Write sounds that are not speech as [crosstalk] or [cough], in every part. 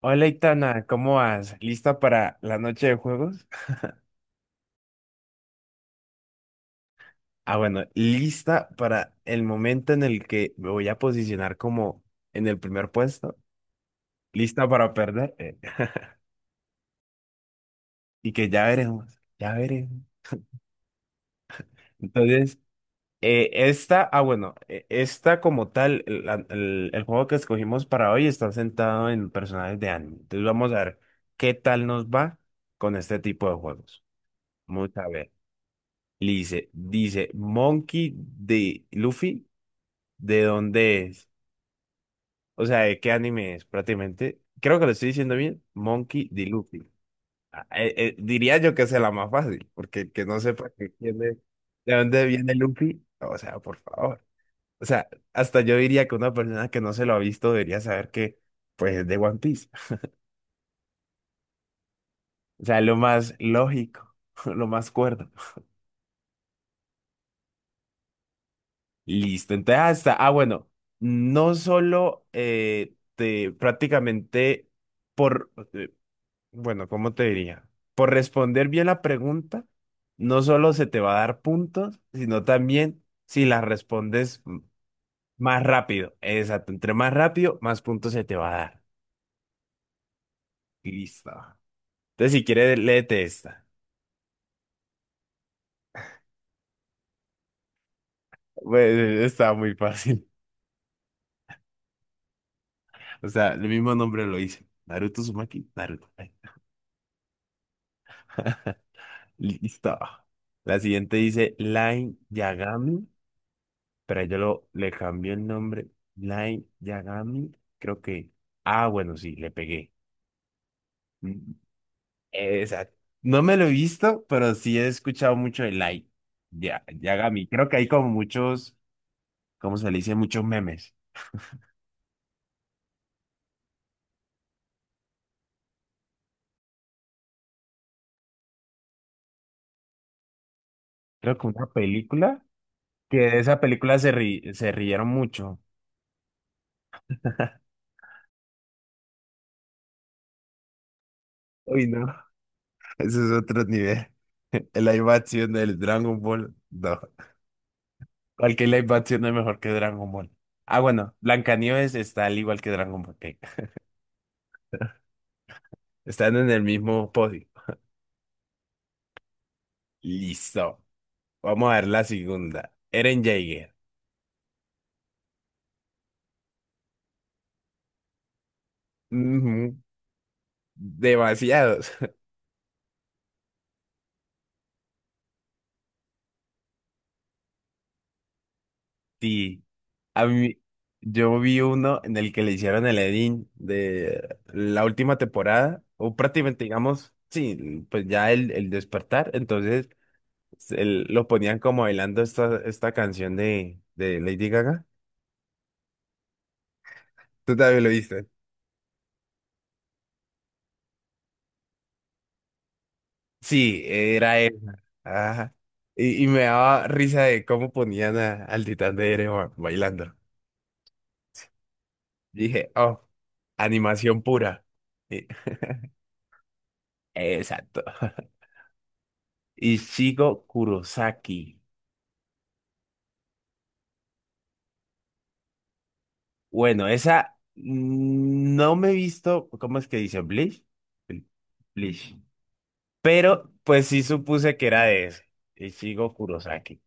Hola, Itana, ¿cómo vas? ¿Lista para la noche de juegos? Ah, bueno, lista para el momento en el que me voy a posicionar como en el primer puesto. Lista para perder y que ya veremos, ya veremos. Entonces, esta, ah, bueno, esta como tal, el juego que escogimos para hoy está sentado en personajes de anime. Entonces, vamos a ver qué tal nos va con este tipo de juegos. Vamos a ver. Dice Monkey de Luffy. ¿De dónde es? O sea, ¿de qué anime es prácticamente? Creo que lo estoy diciendo bien. Monkey D. Luffy. Ah, diría yo que es la más fácil, porque el que no sepa de dónde viene Luffy, o sea, por favor. O sea, hasta yo diría que una persona que no se lo ha visto debería saber que, pues, es de One Piece. [laughs] O sea, lo más lógico, [laughs] lo más cuerdo. Listo, entonces hasta, ah, bueno, no solo te prácticamente por, bueno, ¿cómo te diría? Por responder bien la pregunta, no solo se te va a dar puntos, sino también si la respondes más rápido. Exacto, entre más rápido, más puntos se te va a dar. Listo. Entonces, si quieres, léete esta. Bueno, está muy fácil. [laughs] O sea, el mismo nombre lo dice. Naruto Uzumaki, Naruto. [laughs] Listo. La siguiente dice Line Yagami. Pero ahí yo le cambié el nombre. Light Yagami, creo que. Ah, bueno, sí, le pegué. Mm, exacto. No me lo he visto, pero sí he escuchado mucho de Light Ya, Yagami. Creo que hay como muchos, ¿cómo se le dice? Muchos memes. Creo que una película, que de esa película se rieron mucho. [laughs] Uy, no. Eso es otro nivel. [laughs] La animación del Dragon Ball. No. Cualquier live action es mejor que Dragon Ball. Ah, bueno, Blancanieves está al igual que Dragon Ball. Ok. [laughs] Están en el mismo podio. Listo. Vamos a ver la segunda. Eren Jaeger. Ujú. Demasiados. [laughs] Sí. A mí, yo vi uno en el que le hicieron el edit de la última temporada, o prácticamente, digamos, sí, pues ya el despertar. Entonces, lo ponían como bailando esta canción de Lady Gaga. ¿Tú también lo viste? Sí, era esa. Ajá. Y me daba risa de cómo ponían al titán de Erebor bailando. Dije, oh, animación pura. Y- exacto. [laughs] Ichigo Kurosaki. Bueno, esa, no me he visto, ¿cómo es que dice? ¿Bleach? Bl- Bleach. Pero pues sí supuse que era de ese, Ichigo Kurosaki.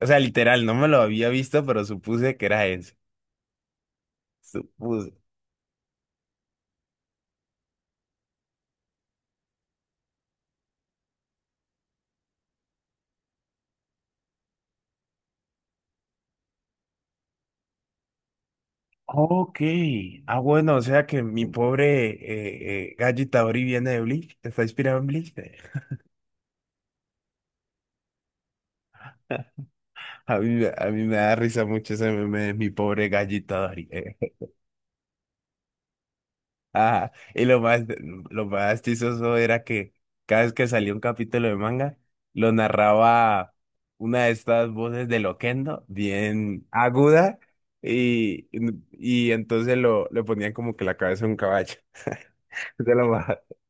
O sea, literal, no me lo había visto, pero supuse que era ese. Supuse. Ok. Ah, bueno, o sea que mi pobre, Gallo Itadori viene de Bleach. Está inspirado en Bleach. [laughs] A mí me da risa mucho ese meme de mi pobre Gallo Itadori. [laughs] Ajá. Y lo más chistoso era que cada vez que salía un capítulo de manga, lo narraba una de estas voces de Loquendo, bien aguda, y, y entonces le ponían como que la cabeza de un caballo. [laughs] De lo más. [laughs]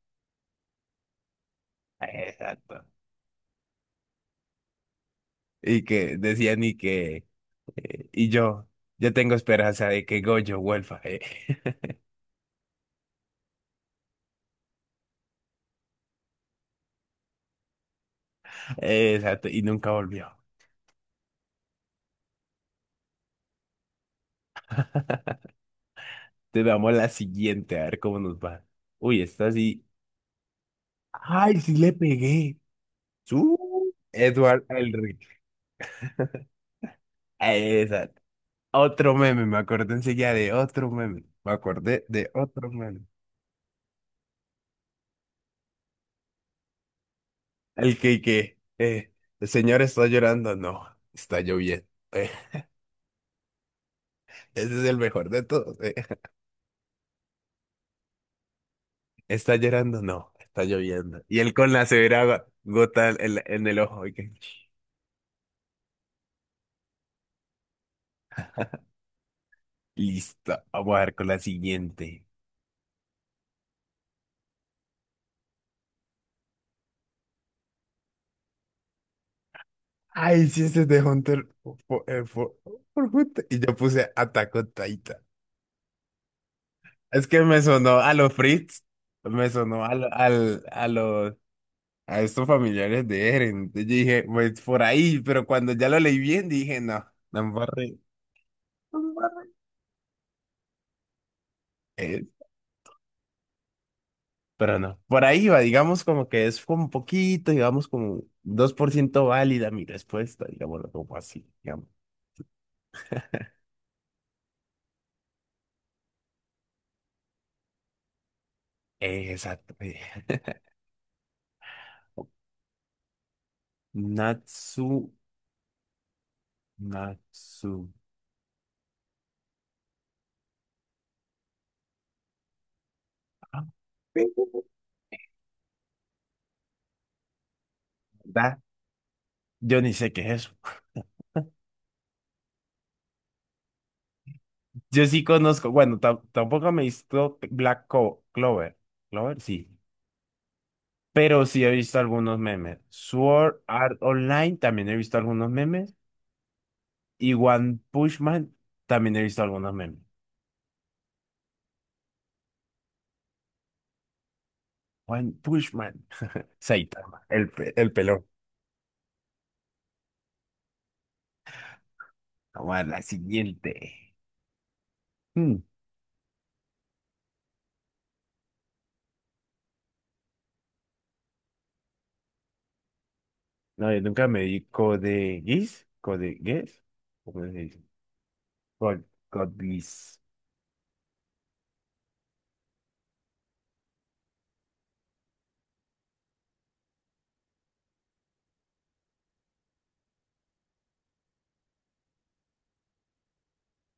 Exacto. Y que decían y que. Y yo tengo esperanza de que Goyo vuelva. [laughs] Exacto, y nunca volvió. Entonces veamos la siguiente, a ver cómo nos va. Uy, esta sí. ¡Ay, sí le pegué! ¡Su! Edward Elric. Exacto. Otro meme, me acordé enseguida de otro meme. Me acordé de otro meme. El que, que, eh, el señor está llorando. No, está lloviendo. Eh, ese es el mejor de todos. Está llorando, no, está lloviendo. Y él con la severa gota en el ojo. Y que. Listo, vamos a ver con la siguiente. Ay, sí, ese es de Hunter eh, fo- por Hunter. Y yo puse Attack on Titan. Es que me sonó a los Fritz, me sonó a estos familiares de Eren. Entonces yo dije, pues por ahí, pero cuando ya lo leí bien, dije, no, no me. Pero no, por ahí va, digamos como que es como un poquito, digamos como 2% válida mi respuesta, digámoslo como así, digamos. Exacto. [laughs] Natsu, Natsu. Ah, ¿verdad? Yo ni sé qué es eso. Yo sí conozco, bueno, tampoco me he visto Black Clover. Clover, sí. Pero sí he visto algunos memes. Sword Art Online también he visto algunos memes. Y One Punch Man también he visto algunos memes. One Punch Man. Saitama, el pelón. Vamos a la siguiente. Hmm, no, yo nunca me di Code Geass, Code Geass, ¿cómo se dice? Code, Code Geass,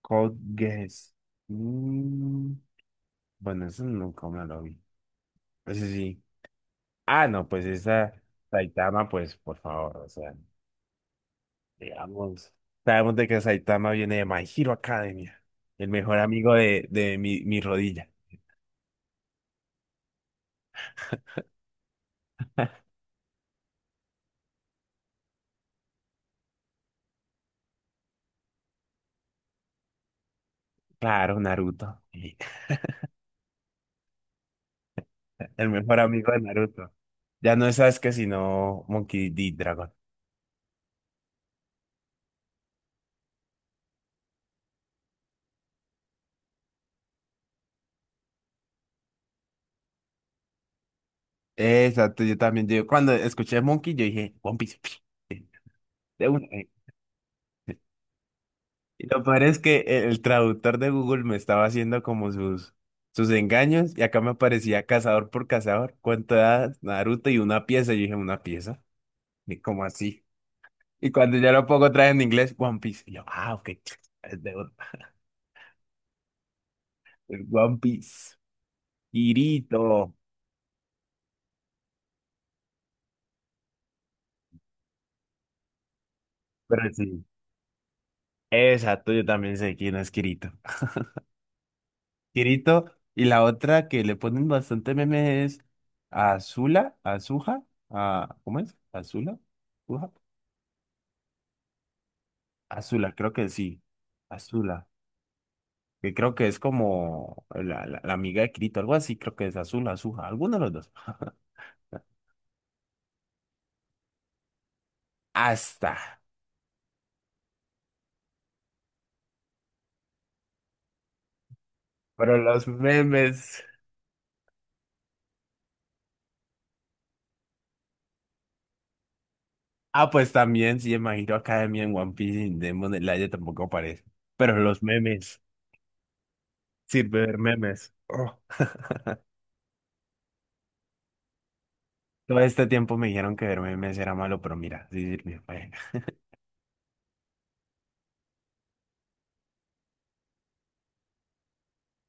Code Geass. Mm, bueno, eso nunca me lo vi. Ese sí. Sí. Ah, no, pues esa Saitama, pues por favor, o sea, digamos, sabemos de que Saitama viene de My Hero Academia, el mejor amigo de mi rodilla. Claro, Naruto. El mejor amigo de Naruto. Ya no es Sasuke, sino Monkey D. Dragon. Exacto, yo también. Yo cuando escuché Monkey, yo dije, One Piece, [laughs] de una vez. Y lo peor es que el traductor de Google me estaba haciendo como sus engaños y acá me aparecía cazador por cazador. ¿Cuánto da Naruto y una pieza? Yo dije, ¿una pieza? Y como así. Y cuando ya lo pongo otra vez en inglés, One Piece. Y yo, ah, ok. [laughs] [tsk] Es de una. El One Piece. Kirito. Pero sí. Exacto, yo también sé quién es Kirito. Kirito. Y la otra que le ponen bastante memes es Azula, Azuja, a, ¿cómo es? Azula, Azuja, Azula, creo que sí. Azula, que creo que es como la amiga de Kirito, algo así, creo que es Azula, Azuja, alguno de los dos. [laughs] Hasta. Pero los memes. Ah, pues también, sí, imagino Academia en One Piece y en Demon Slayer tampoco aparece. Pero los memes. Sirve ver memes. Oh. Todo este tiempo me dijeron que verme mes era malo, pero mira, sí sirvió.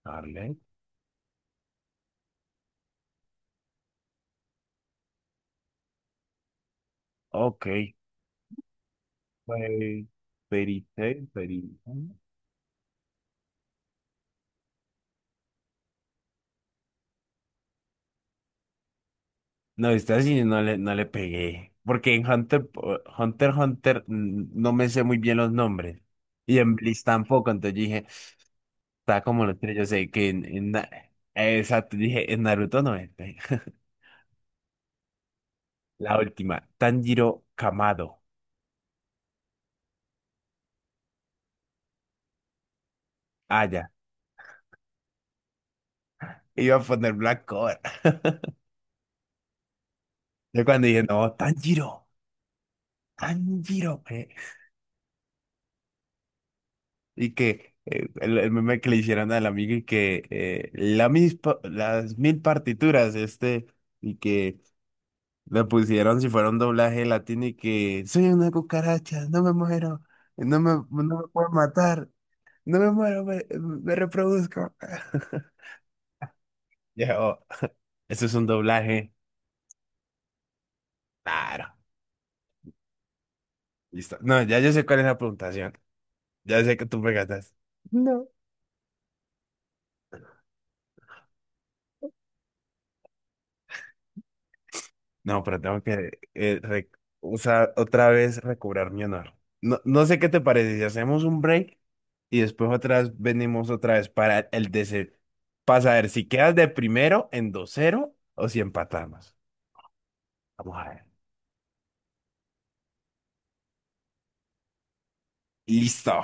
Darle. Ok. Pues, perite, perite. No, esta sí no le pegué. Porque en Hunter, Hunter, Hunter, no me sé muy bien los nombres. Y en Bleach tampoco. Entonces dije, está como los tres. Yo sé que en Na- exacto, dije, en Naruto no es. [laughs] La última, Tanjiro Kamado. Ah, ya. Iba a poner Black Clover. [laughs] Yo cuando dije, no, Tanjiro, Tanjiro. Y que el meme que le hicieron al amigo y que la mis pa- las mil partituras, y que le pusieron si fuera un doblaje latino y que soy una cucaracha, no me muero, no me puedo matar, no me muero, me reproduzco. [laughs] Ya, oh, eso es un doblaje. Claro, listo. No, ya yo sé cuál es la puntuación. Ya sé que tú me ganas. No. No, pero tengo que o sea, otra vez recobrar mi honor. No, no sé qué te parece si hacemos un break y después otras venimos otra vez para el DC, para saber si quedas de primero en 2-0 o si empatamos. Vamos a ver. Listo.